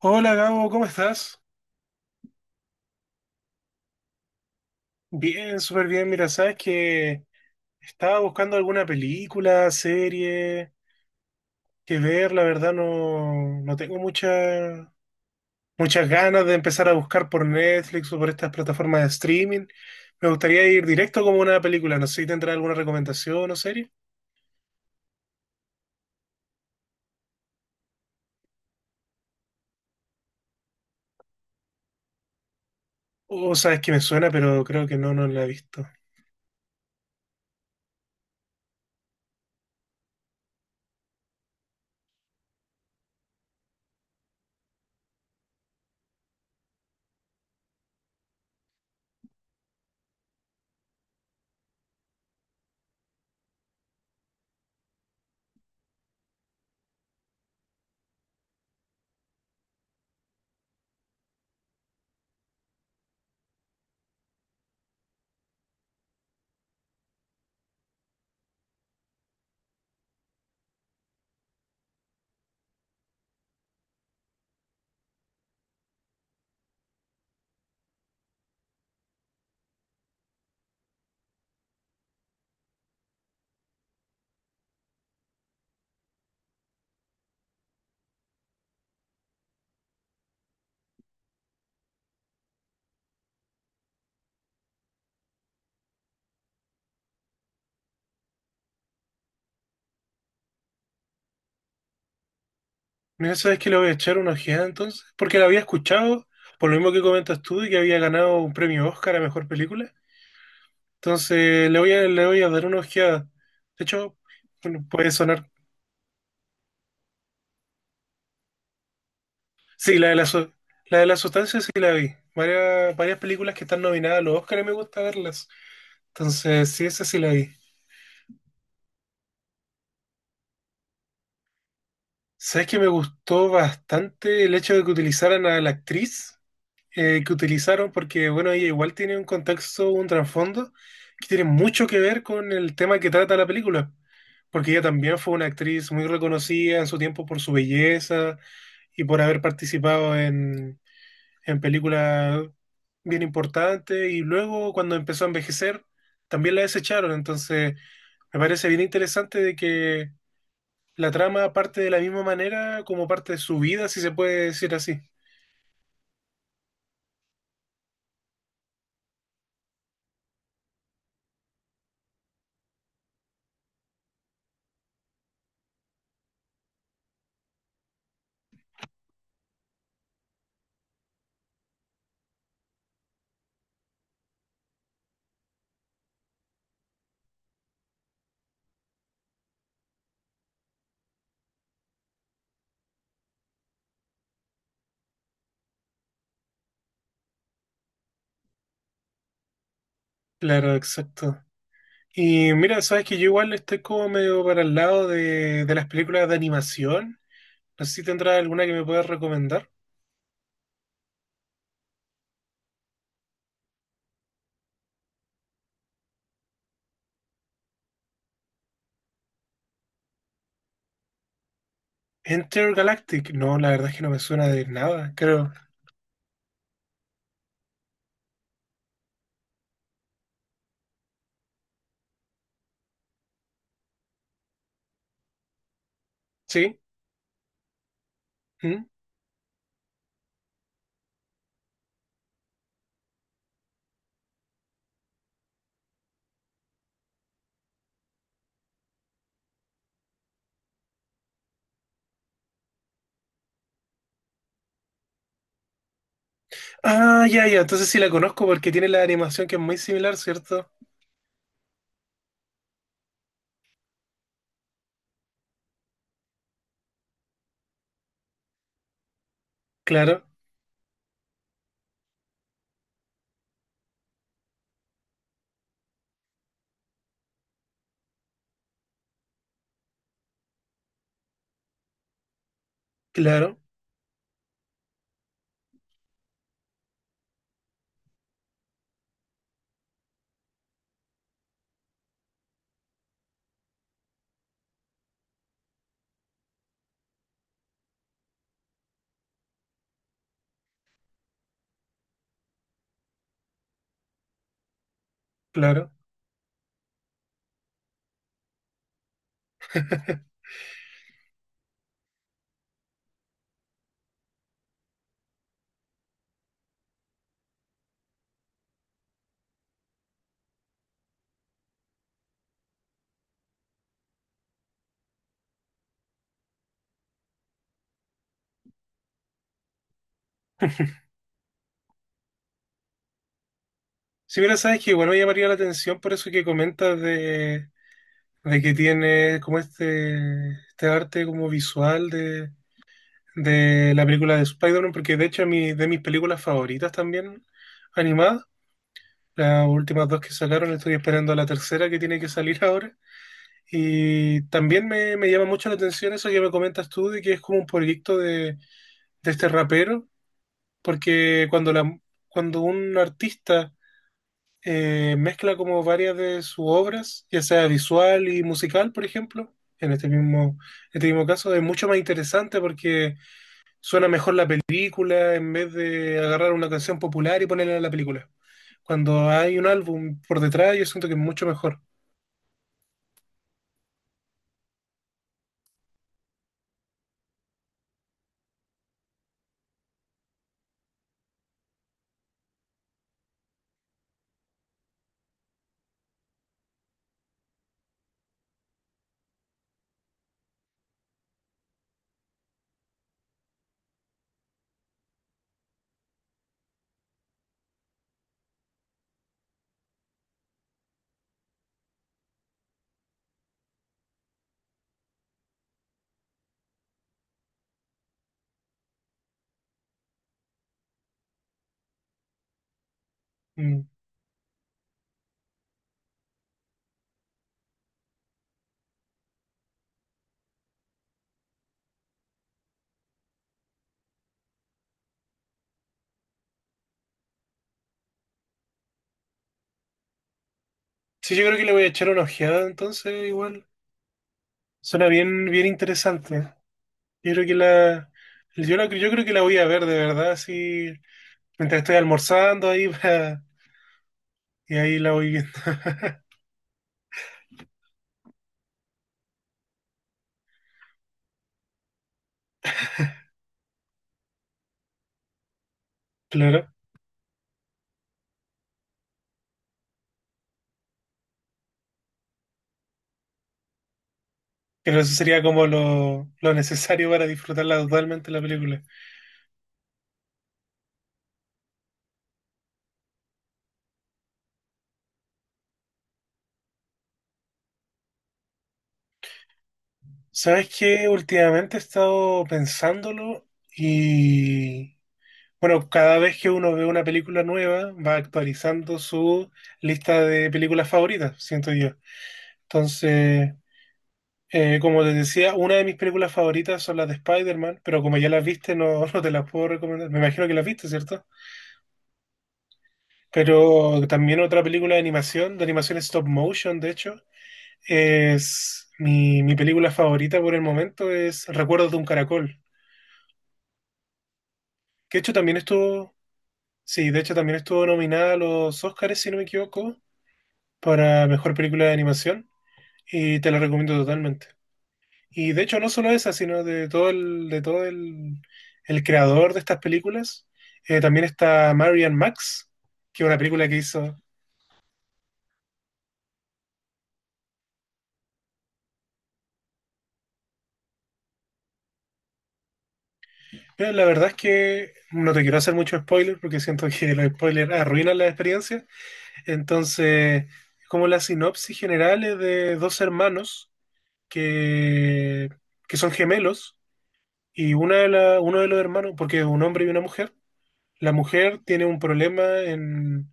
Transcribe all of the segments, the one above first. Hola Gabo, ¿cómo estás? Bien, súper bien. Mira, sabes que estaba buscando alguna película, serie que ver. La verdad no tengo muchas ganas de empezar a buscar por Netflix o por estas plataformas de streaming. Me gustaría ir directo como una película. No sé si tendrás alguna recomendación o serie. O sabes que me suena, pero creo que no la he visto. Mira, sabes que le voy a echar una ojeada entonces, porque la había escuchado, por lo mismo que comentas tú, y que había ganado un premio Oscar a mejor película. Entonces le voy a dar una ojeada. De hecho, bueno, puede sonar. Sí, la de la sustancia sí la vi. Varias películas que están nominadas a los Oscars me gusta verlas. Entonces, sí, esa sí la vi. ¿Sabes que me gustó bastante el hecho de que utilizaran a la actriz? Que utilizaron, porque bueno, ella igual tiene un contexto, un trasfondo que tiene mucho que ver con el tema que trata la película, porque ella también fue una actriz muy reconocida en su tiempo por su belleza y por haber participado en películas bien importantes, y luego cuando empezó a envejecer, también la desecharon. Entonces me parece bien interesante de que la trama parte de la misma manera como parte de su vida, si se puede decir así. Claro, exacto. Y mira, sabes que yo igual estoy como medio para el lado de las películas de animación. No sé si tendrás alguna que me puedas recomendar. Enter Galactic. No, la verdad es que no me suena de nada, creo. ¿Sí? ¿Mm? Ah, ya, ya. Entonces sí la conozco porque tiene la animación que es muy similar, ¿cierto? Claro, claro, claro. Sí, mira, sabes que igual me llamaría la atención por eso que comentas de que tiene como este arte como visual de la película de Spider-Man, porque de hecho de mis películas favoritas también animadas, las últimas dos que sacaron, estoy esperando la tercera que tiene que salir ahora. Y también me llama mucho la atención eso que me comentas tú, de que es como un proyecto de este rapero, porque cuando un artista mezcla como varias de sus obras, ya sea visual y musical, por ejemplo, en este mismo caso, es mucho más interesante porque suena mejor la película en vez de agarrar una canción popular y ponerla en la película. Cuando hay un álbum por detrás, yo siento que es mucho mejor. Mm. Sí, yo creo que le voy a echar una ojeada, entonces igual. Suena bien, bien interesante. Yo creo que la, yo creo que la voy a ver de verdad, sí, mientras estoy almorzando ahí y ahí la voy viendo, claro. Pero eso sería como lo necesario para disfrutarla totalmente la película. ¿Sabes qué? Últimamente he estado pensándolo y, bueno, cada vez que uno ve una película nueva, va actualizando su lista de películas favoritas, siento yo. Entonces, como te decía, una de mis películas favoritas son las de Spider-Man, pero como ya las viste, no, no te las puedo recomendar. Me imagino que las viste, ¿cierto? Pero también otra película de animación stop motion, de hecho, es mi película favorita por el momento, es Recuerdos de un caracol. Que de hecho también estuvo, sí, de hecho también estuvo nominada a los Oscars, si no me equivoco, para mejor película de animación y te la recomiendo totalmente. Y de hecho no solo esa, sino de todo el creador de estas películas. También está Marian Max, que es una película que hizo... Pero la verdad es que no te quiero hacer mucho spoiler porque siento que los spoilers arruinan la experiencia. Entonces, como la sinopsis general es de dos hermanos que, que son gemelos. Y uno de los hermanos, porque es un hombre y una mujer, la mujer tiene un problema en,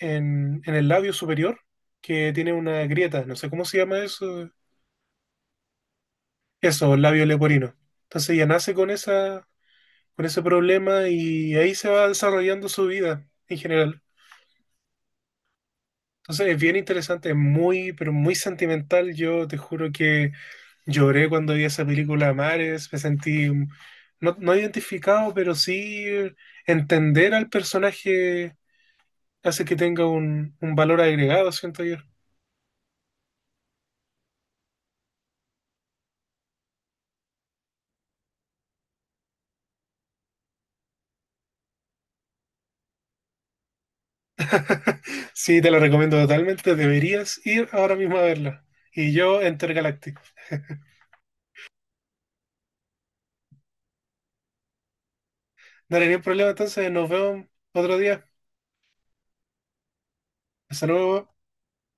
en, en el labio superior, que tiene una grieta, no sé cómo se llama eso, eso, el labio leporino. Entonces ella nace con esa, con ese problema y ahí se va desarrollando su vida en general. Entonces es bien interesante, es muy, pero muy sentimental. Yo te juro que lloré cuando vi esa película Mares, me sentí no, no identificado, pero sí entender al personaje hace que tenga un valor agregado, siento yo. Sí, te la recomiendo totalmente, deberías ir ahora mismo a verla. Y yo, Intergaláctico. No hay ningún problema, entonces nos vemos otro día. Hasta luego.